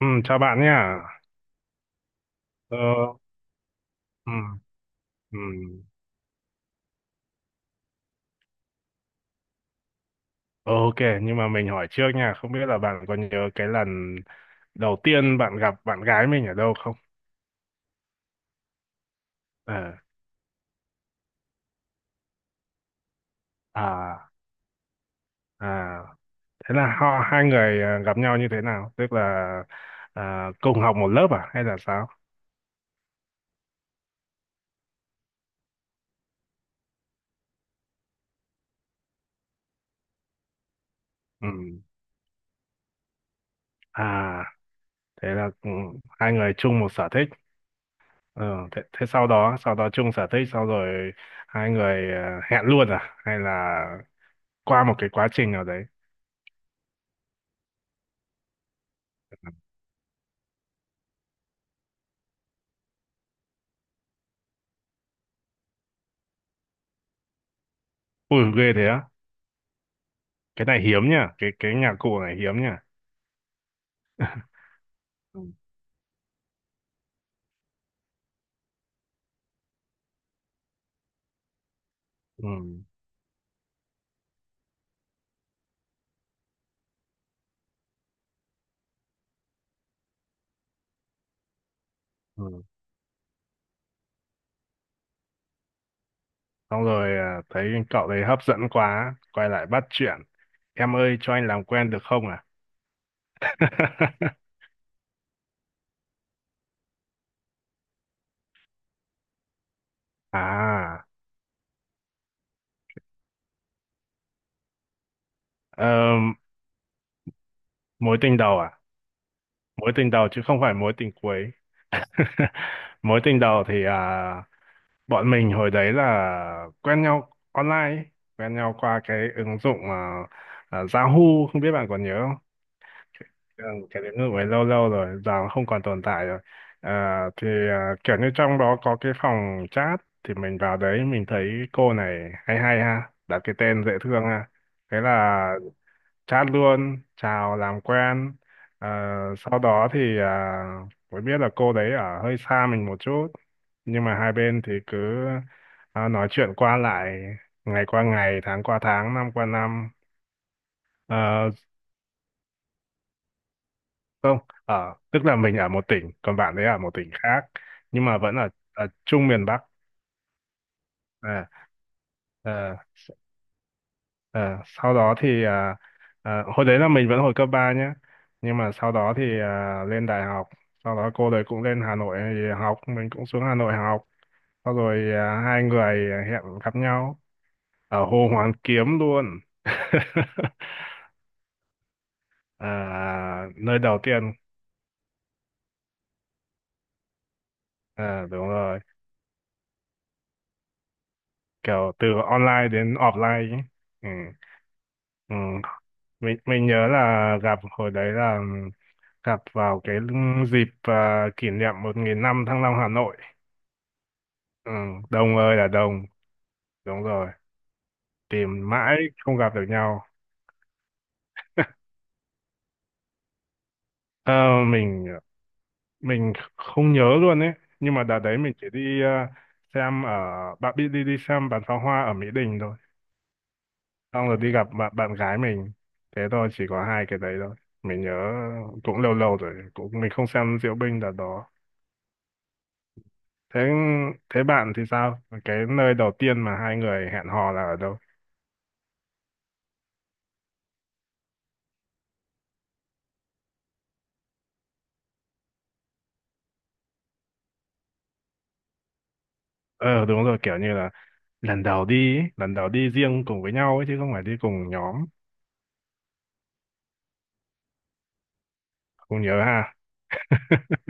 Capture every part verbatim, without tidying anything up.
Ừ, chào bạn nha. Ờ, ừ, ừ. Ờ, OK, nhưng mà mình hỏi trước nha, không biết là bạn có nhớ cái lần đầu tiên bạn gặp bạn gái mình ở đâu không? Ờ, à, à, thế là họ hai người à, gặp nhau như thế nào? Tức là à, cùng học một lớp à hay là sao? Ừ. À, thế là ừ, hai người chung một sở thích. Ờ, thế, thế sau đó, sau đó chung sở thích, sau rồi hai người à, hẹn luôn à? Hay là qua một cái quá trình nào đấy? Ui ghê thế á. Cái này hiếm nha, cái cái nhạc cụ này hiếm nha. Ừ. Ừ. Ừ. Xong rồi à, thấy cậu đấy hấp dẫn quá, quay lại bắt chuyện. Em ơi cho anh làm quen được không à? À, ờm, mối tình đầu à? Mối tình đầu chứ không phải mối tình cuối. Mối tình đầu thì à, bọn mình hồi đấy là quen nhau online, ấy. Quen nhau qua cái ứng dụng à, à, Yahoo, không biết bạn còn nhớ. Ừ, cái đến nước ấy lâu lâu rồi giờ nó không còn tồn tại rồi. À, thì à, kiểu như trong đó có cái phòng chat thì mình vào đấy mình thấy cô này hay hay ha, đặt cái tên dễ thương ha, thế là chat luôn chào làm quen. Ờ, sau đó thì à, mới biết là cô đấy ở hơi xa mình một chút, nhưng mà hai bên thì cứ à, nói chuyện qua lại, ngày qua ngày, tháng qua tháng, năm qua năm. Ờ, Ờ, tức là mình ở một tỉnh, còn bạn ấy ở một tỉnh khác, nhưng mà vẫn ở, ở, chung miền Bắc. À, ờ, s- ờ, sau đó thì à, à, hồi đấy là mình vẫn hồi cấp ba nhé, nhưng mà sau đó thì à, lên đại học, sau đó cô đấy cũng lên Hà Nội thì học, mình cũng xuống Hà Nội học, sau rồi à, hai người hẹn gặp nhau ở Hồ Hoàn Kiếm luôn. À, nơi đầu tiên à, đúng rồi, kiểu từ online đến offline ấy. Ừ. Ừ. mình mình nhớ là gặp hồi đấy là gặp vào cái dịp à, kỷ niệm một nghìn năm Thăng Long Hà Nội. Ừ, đông ơi là đông, đúng rồi, tìm mãi không gặp được nhau. Ờ, mình mình không nhớ luôn ấy, nhưng mà đợt đấy mình chỉ đi à, xem ở, bạn biết đi đi xem bắn pháo hoa ở Mỹ Đình thôi, xong rồi đi gặp bạn bạn gái mình, thế thôi, chỉ có hai cái đấy thôi. Mình nhớ cũng lâu lâu rồi, cũng mình không xem diễu binh đợt đó. Thế thế bạn thì sao, cái nơi đầu tiên mà hai người hẹn hò là ở đâu? Ờ đúng rồi, kiểu như là lần đầu đi ấy, lần đầu đi riêng cùng với nhau ấy, chứ không phải đi cùng nhóm, không nhớ ha.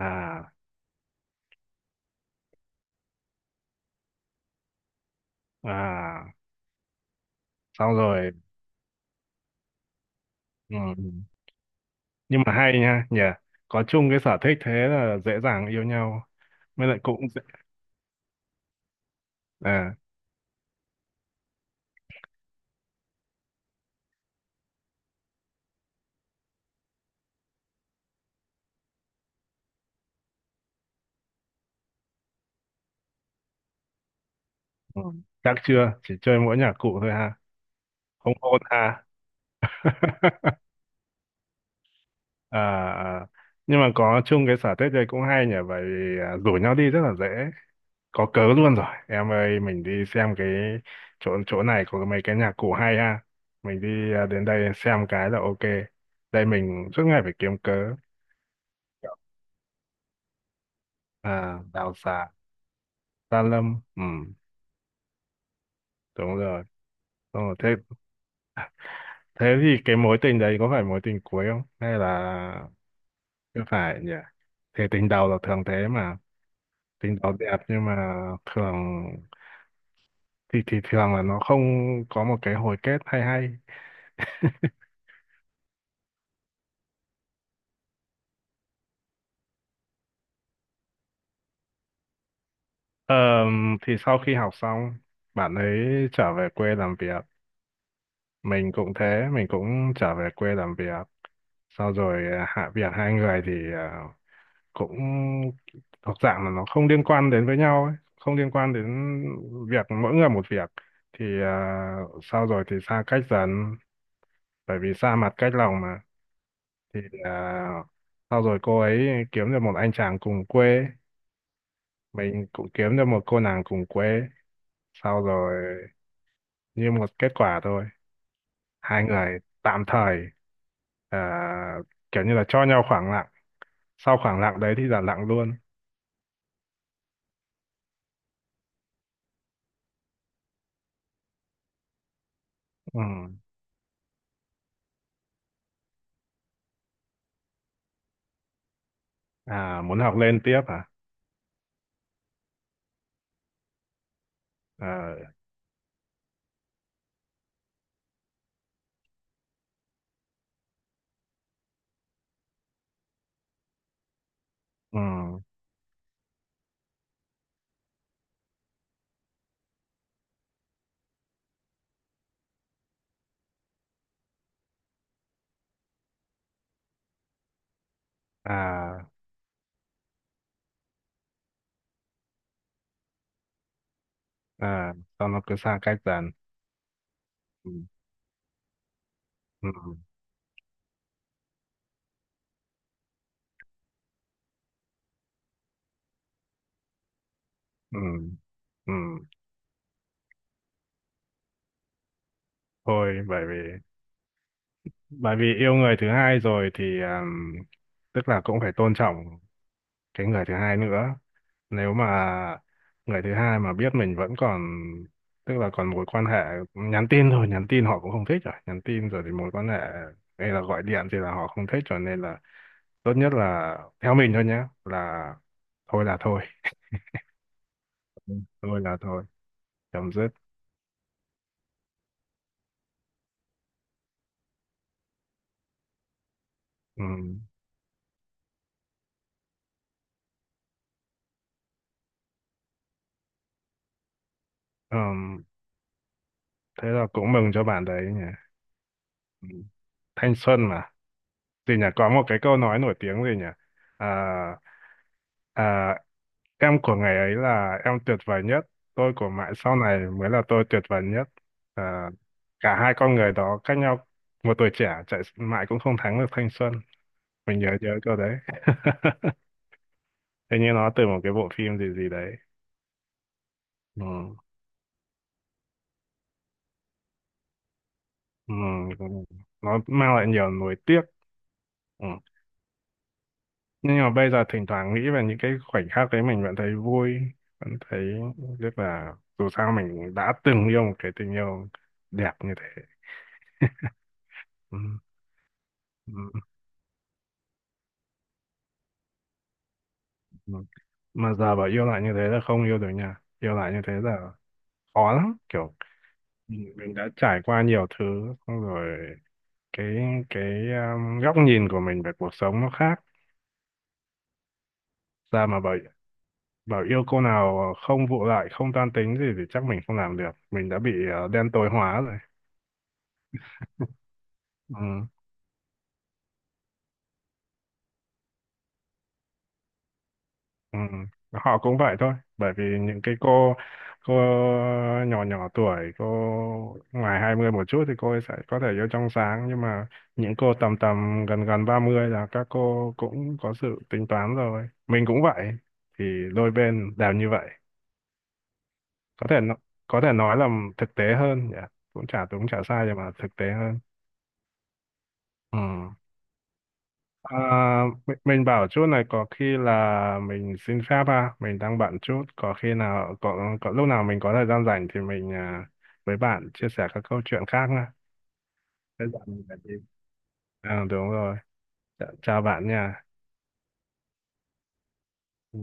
à à xong rồi, ừ. Nhưng mà hay nha nhỉ, có chung cái sở thích thế là dễ dàng yêu nhau, mới lại cũng dễ à, ừ. Chắc chưa chỉ chơi mỗi nhạc cụ thôi ha, không hôn ha. à à. Nhưng mà có chung cái sở thích đây cũng hay nhỉ, vậy vì, à, rủ nhau đi rất là dễ, có cớ luôn rồi, em ơi mình đi xem cái chỗ chỗ này có mấy cái nhạc cụ hay ha, mình đi à, đến đây xem cái là OK. Đây mình suốt ngày phải kiếm cớ. À Đào Xà, Sa Lâm, ừ đúng rồi. Đúng thế thế thì cái mối tình đấy có phải mối tình cuối không hay là chưa phải nhỉ. Thế tình đầu là thường thế mà, tính đó đẹp nhưng mà thường thì thì thường là nó không có một cái hồi kết hay hay. Ờ, thì sau khi học xong bạn ấy trở về quê làm việc, mình cũng thế, mình cũng trở về quê làm việc. Sau rồi à, hạ việc hai người thì à, cũng thuộc dạng là nó không liên quan đến với nhau ấy, không liên quan đến việc, mỗi người một việc thì à, sau rồi thì xa cách dần, bởi vì xa mặt cách lòng mà, thì là sau rồi cô ấy kiếm được một anh chàng cùng quê, mình cũng kiếm được một cô nàng cùng quê, sau rồi như một kết quả thôi, hai người tạm thời ờ, kiểu như là cho nhau khoảng lặng, sau khoảng lặng đấy thì là lặng luôn. Ừ. À muốn học lên tiếp à. Ờ, ừ. à à sau nó cứ xa cách dần. Ừ. Ừ. Ừ. Ừ. Thôi bởi vì bởi vì yêu người thứ hai rồi thì um, tức là cũng phải tôn trọng cái người thứ hai nữa. Nếu mà người thứ hai mà biết mình vẫn còn, tức là còn mối quan hệ nhắn tin thôi, nhắn tin họ cũng không thích rồi, nhắn tin rồi thì mối quan hệ hay là gọi điện thì là họ không thích, cho nên là tốt nhất là theo mình thôi nhé, là thôi là thôi. Ừ. Thôi là thôi, chấm dứt, ừ. Ừm, thế là cũng mừng cho bạn đấy nhỉ. Ừ. Thanh xuân mà. Thì nhỉ, có một cái câu nói nổi tiếng gì nhỉ? À, à, em của ngày ấy là em tuyệt vời nhất, tôi của mãi sau này mới là tôi tuyệt vời nhất. À, cả hai con người đó cách nhau một tuổi trẻ, chạy mãi cũng không thắng được thanh xuân. Mình nhớ nhớ câu đấy. Hình như nó từ một cái bộ phim gì gì đấy. Ừ. Ừ. Ừ. Nó mang lại nhiều nuối tiếc. Ừ. Nhưng mà bây giờ thỉnh thoảng nghĩ về những cái khoảnh khắc đấy mình vẫn thấy vui, vẫn thấy, rất là dù sao mình đã từng yêu một cái tình yêu đẹp như thế, ừ. Ừ. Ừ. Mà giờ bảo yêu lại như thế là không yêu được nha, yêu lại như thế là khó lắm, kiểu mình mình đã trải qua nhiều thứ, xong rồi cái cái um, góc nhìn của mình về cuộc sống nó khác, ra mà bảo bảo yêu cô nào không vụ lại, không toan tính gì thì chắc mình không làm được, mình đã bị ờ, đen tối hóa rồi, ừ. Ừ, họ cũng vậy thôi, bởi vì những cái cô cô nhỏ nhỏ tuổi, cô ngoài hai mươi một chút thì cô ấy sẽ có thể yêu trong sáng, nhưng mà những cô tầm tầm gần gần ba mươi là các cô cũng có sự tính toán rồi, mình cũng vậy, thì đôi bên đều như vậy. có thể nó- có thể nói là thực tế hơn nhỉ, cũng chả đúng chả sai nhưng mà thực tế hơn, ừ. À, mình, mình bảo chút này có khi là mình xin phép ha, mình đang bận chút, có khi nào có, có lúc nào mình có thời gian rảnh thì mình à, với bạn chia sẻ các câu chuyện khác nha. Thế dạo này là gì? À, đúng rồi. Chào chào bạn nha. Ừ.